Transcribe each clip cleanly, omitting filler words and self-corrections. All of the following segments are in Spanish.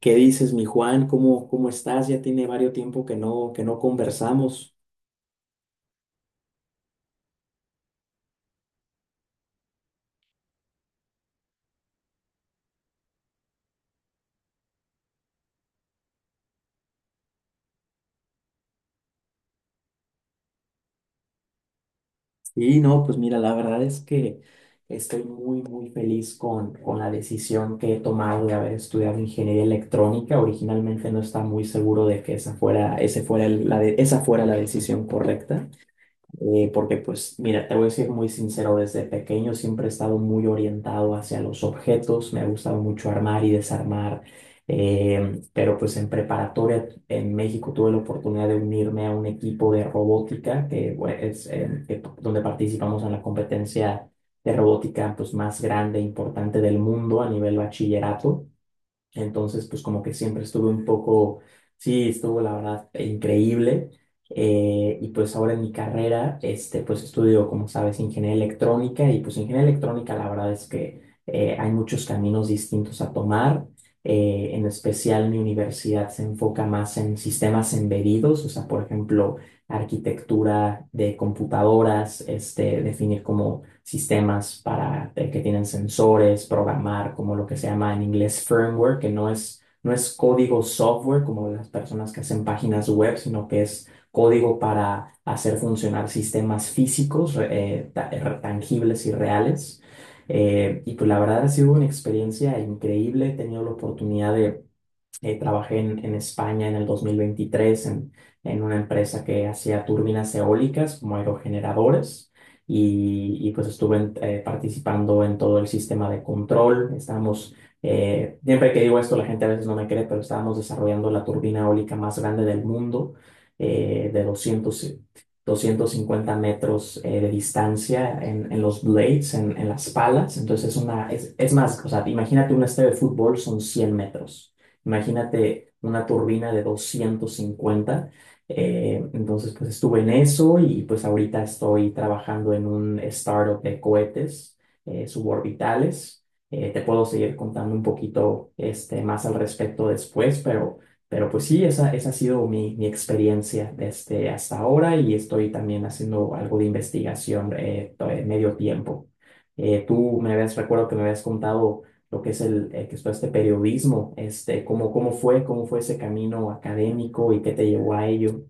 ¿Qué dices, mi Juan? ¿Cómo estás? Ya tiene varios tiempo que no conversamos. Y no, pues mira, la verdad es que estoy muy feliz con la decisión que he tomado de haber estudiado ingeniería electrónica. Originalmente no estaba muy seguro de que esa fuera, ese fuera el- la de- esa fuera la decisión correcta. Porque pues mira, te voy a decir muy sincero, desde pequeño siempre he estado muy orientado hacia los objetos, me ha gustado mucho armar y desarmar, pero pues en preparatoria en México tuve la oportunidad de unirme a un equipo de robótica, que bueno, donde participamos en la competencia de robótica pues más grande e importante del mundo a nivel bachillerato. Entonces, pues como que siempre estuve un poco, sí, estuvo la verdad increíble. Y pues ahora en mi carrera, este, pues estudio, como sabes, ingeniería electrónica, y pues ingeniería electrónica la verdad es que hay muchos caminos distintos a tomar. En especial mi universidad se enfoca más en sistemas embedidos, o sea, por ejemplo, arquitectura de computadoras, este, definir como sistemas para, que tienen sensores, programar, como lo que se llama en inglés firmware, que no es código software como las personas que hacen páginas web, sino que es código para hacer funcionar sistemas físicos, tangibles y reales. Y pues la verdad ha sido una experiencia increíble, he tenido la oportunidad de trabajé en España en el 2023 en una empresa que hacía turbinas eólicas como aerogeneradores pues estuve participando en todo el sistema de control. Estábamos, siempre que digo esto la gente a veces no me cree, pero estábamos desarrollando la turbina eólica más grande del mundo, de 250 metros de distancia en los blades, en las palas. Entonces es más, o sea, imagínate un estadio de fútbol son 100 metros. Imagínate una turbina de 250. Entonces, pues estuve en eso, y pues ahorita estoy trabajando en un startup de cohetes suborbitales. Te puedo seguir contando un poquito este, más al respecto después, pero pues sí, esa ha sido mi experiencia desde hasta ahora, y estoy también haciendo algo de investigación medio tiempo. Tú me habías, recuerdo que me habías contado lo que es que es todo este periodismo, este, cómo fue ese camino académico y qué te llevó a ello.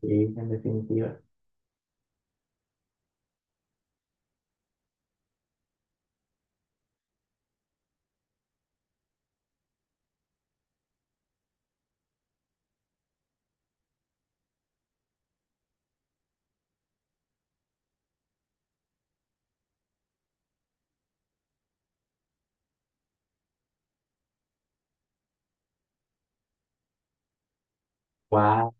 Sí, en definitiva. Wow.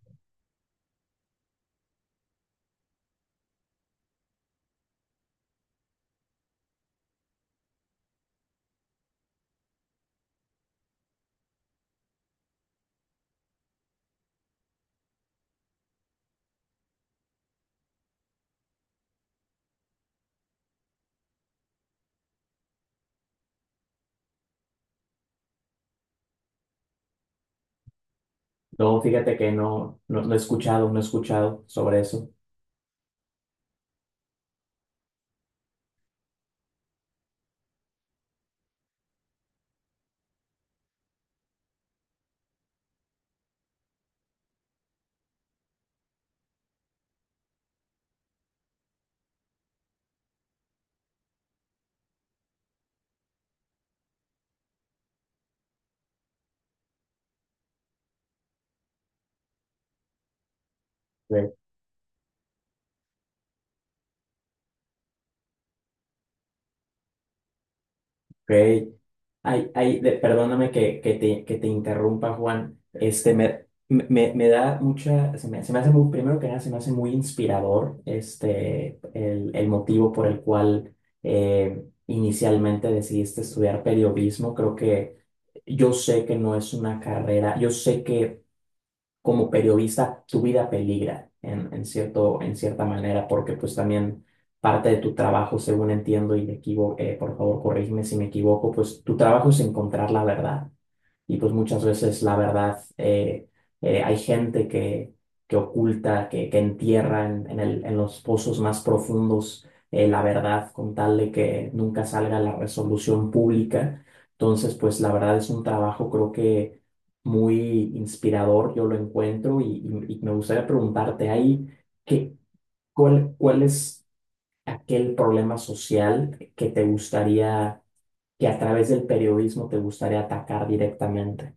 No, fíjate que no, no he escuchado, no he escuchado sobre eso. Ok. Ay, ay, perdóname que te interrumpa, Juan. Este, me da mucha, se me hace muy, primero que nada, se me hace muy inspirador este, el motivo por el cual inicialmente decidiste estudiar periodismo. Creo que yo sé que no es una carrera, yo sé que como periodista tu vida peligra en cierto, en cierta manera, porque pues también parte de tu trabajo, según entiendo y me equivoco, por favor, corrígeme si me equivoco, pues tu trabajo es encontrar la verdad y pues muchas veces la verdad hay gente que oculta, que entierra en los pozos más profundos la verdad con tal de que nunca salga la resolución pública. Entonces, pues la verdad es un trabajo creo que muy inspirador, yo lo encuentro, y me gustaría preguntarte ahí, ¿qué, ¿cuál, cuál es aquel problema social que te gustaría, que a través del periodismo te gustaría atacar directamente?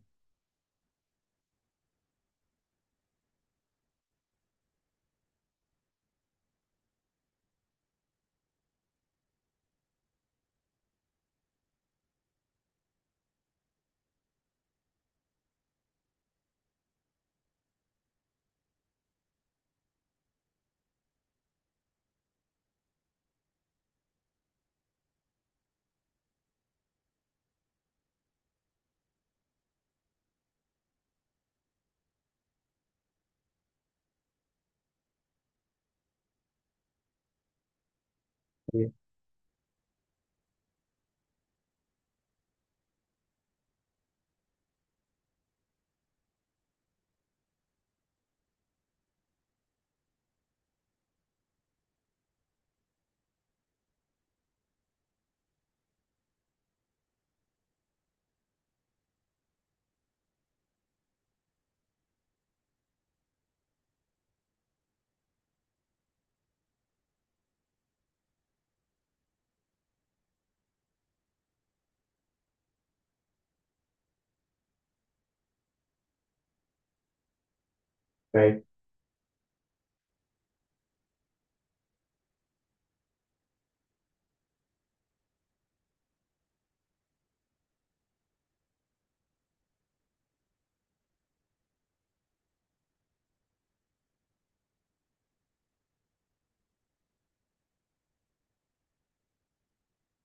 Right?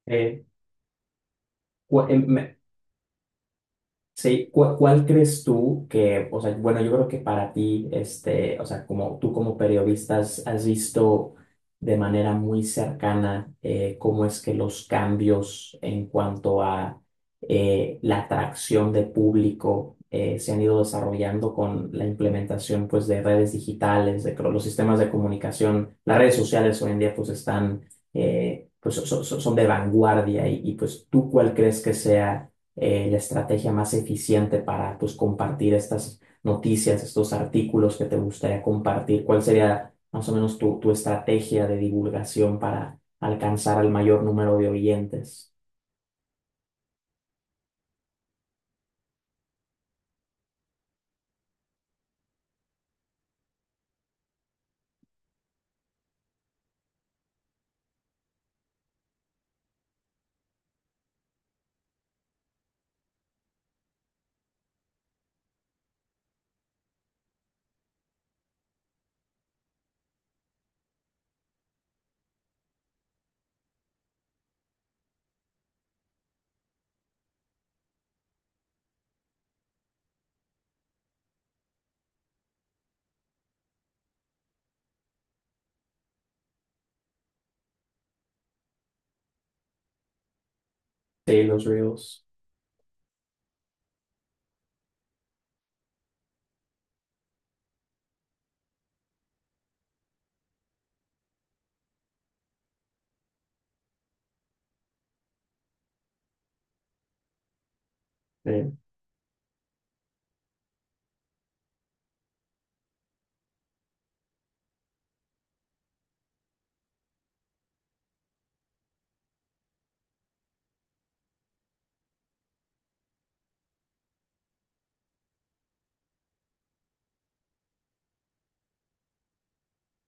Eh, cu- em- me- Sí, ¿cuál crees tú que, o sea, bueno, yo creo que para ti, este, o sea, como tú como periodista has visto de manera muy cercana cómo es que los cambios en cuanto a la atracción de público se han ido desarrollando con la implementación, pues, de redes digitales, los sistemas de comunicación, las redes sociales hoy en día, pues, están, pues, son de vanguardia pues, ¿tú cuál crees que sea la estrategia más eficiente para, pues, compartir estas noticias, estos artículos que te gustaría compartir? ¿Cuál sería más o menos tu estrategia de divulgación para alcanzar al mayor número de oyentes? Sí, los Reels. Sí,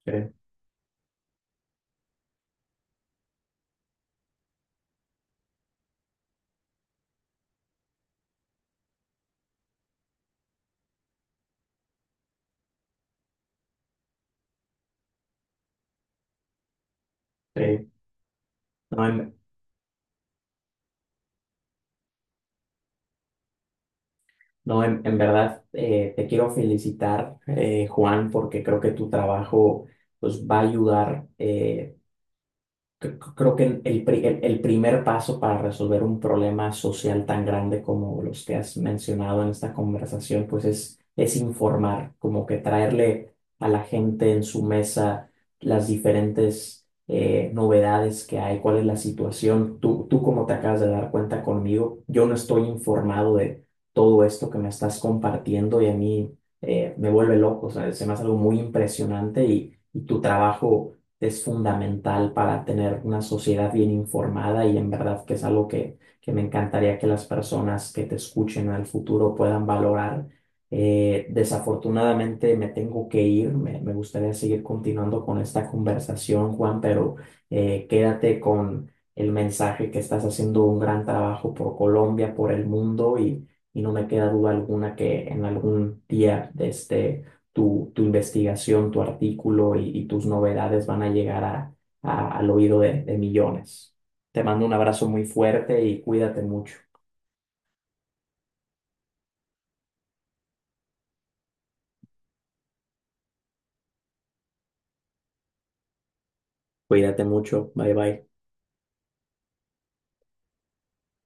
sí, sí. No, en, no, en verdad te quiero felicitar, Juan, porque creo que tu trabajo pues va a ayudar. Creo que el primer paso para resolver un problema social tan grande como los que has mencionado en esta conversación, pues es informar, como que traerle a la gente en su mesa las diferentes novedades que hay, cuál es la situación. Tú como te acabas de dar cuenta conmigo, yo no estoy informado de todo esto que me estás compartiendo, y a mí me vuelve loco, o sea, se me hace algo muy impresionante, y tu trabajo es fundamental para tener una sociedad bien informada, y en verdad que es algo que me encantaría que las personas que te escuchen al futuro puedan valorar. Desafortunadamente me tengo que ir, me gustaría seguir continuando con esta conversación, Juan, pero quédate con el mensaje que estás haciendo un gran trabajo por Colombia, por el mundo, y no me queda duda alguna que en algún día de este tu investigación, tu artículo y tus novedades van a llegar al oído de millones. Te mando un abrazo muy fuerte y cuídate mucho. Cuídate mucho. Bye bye.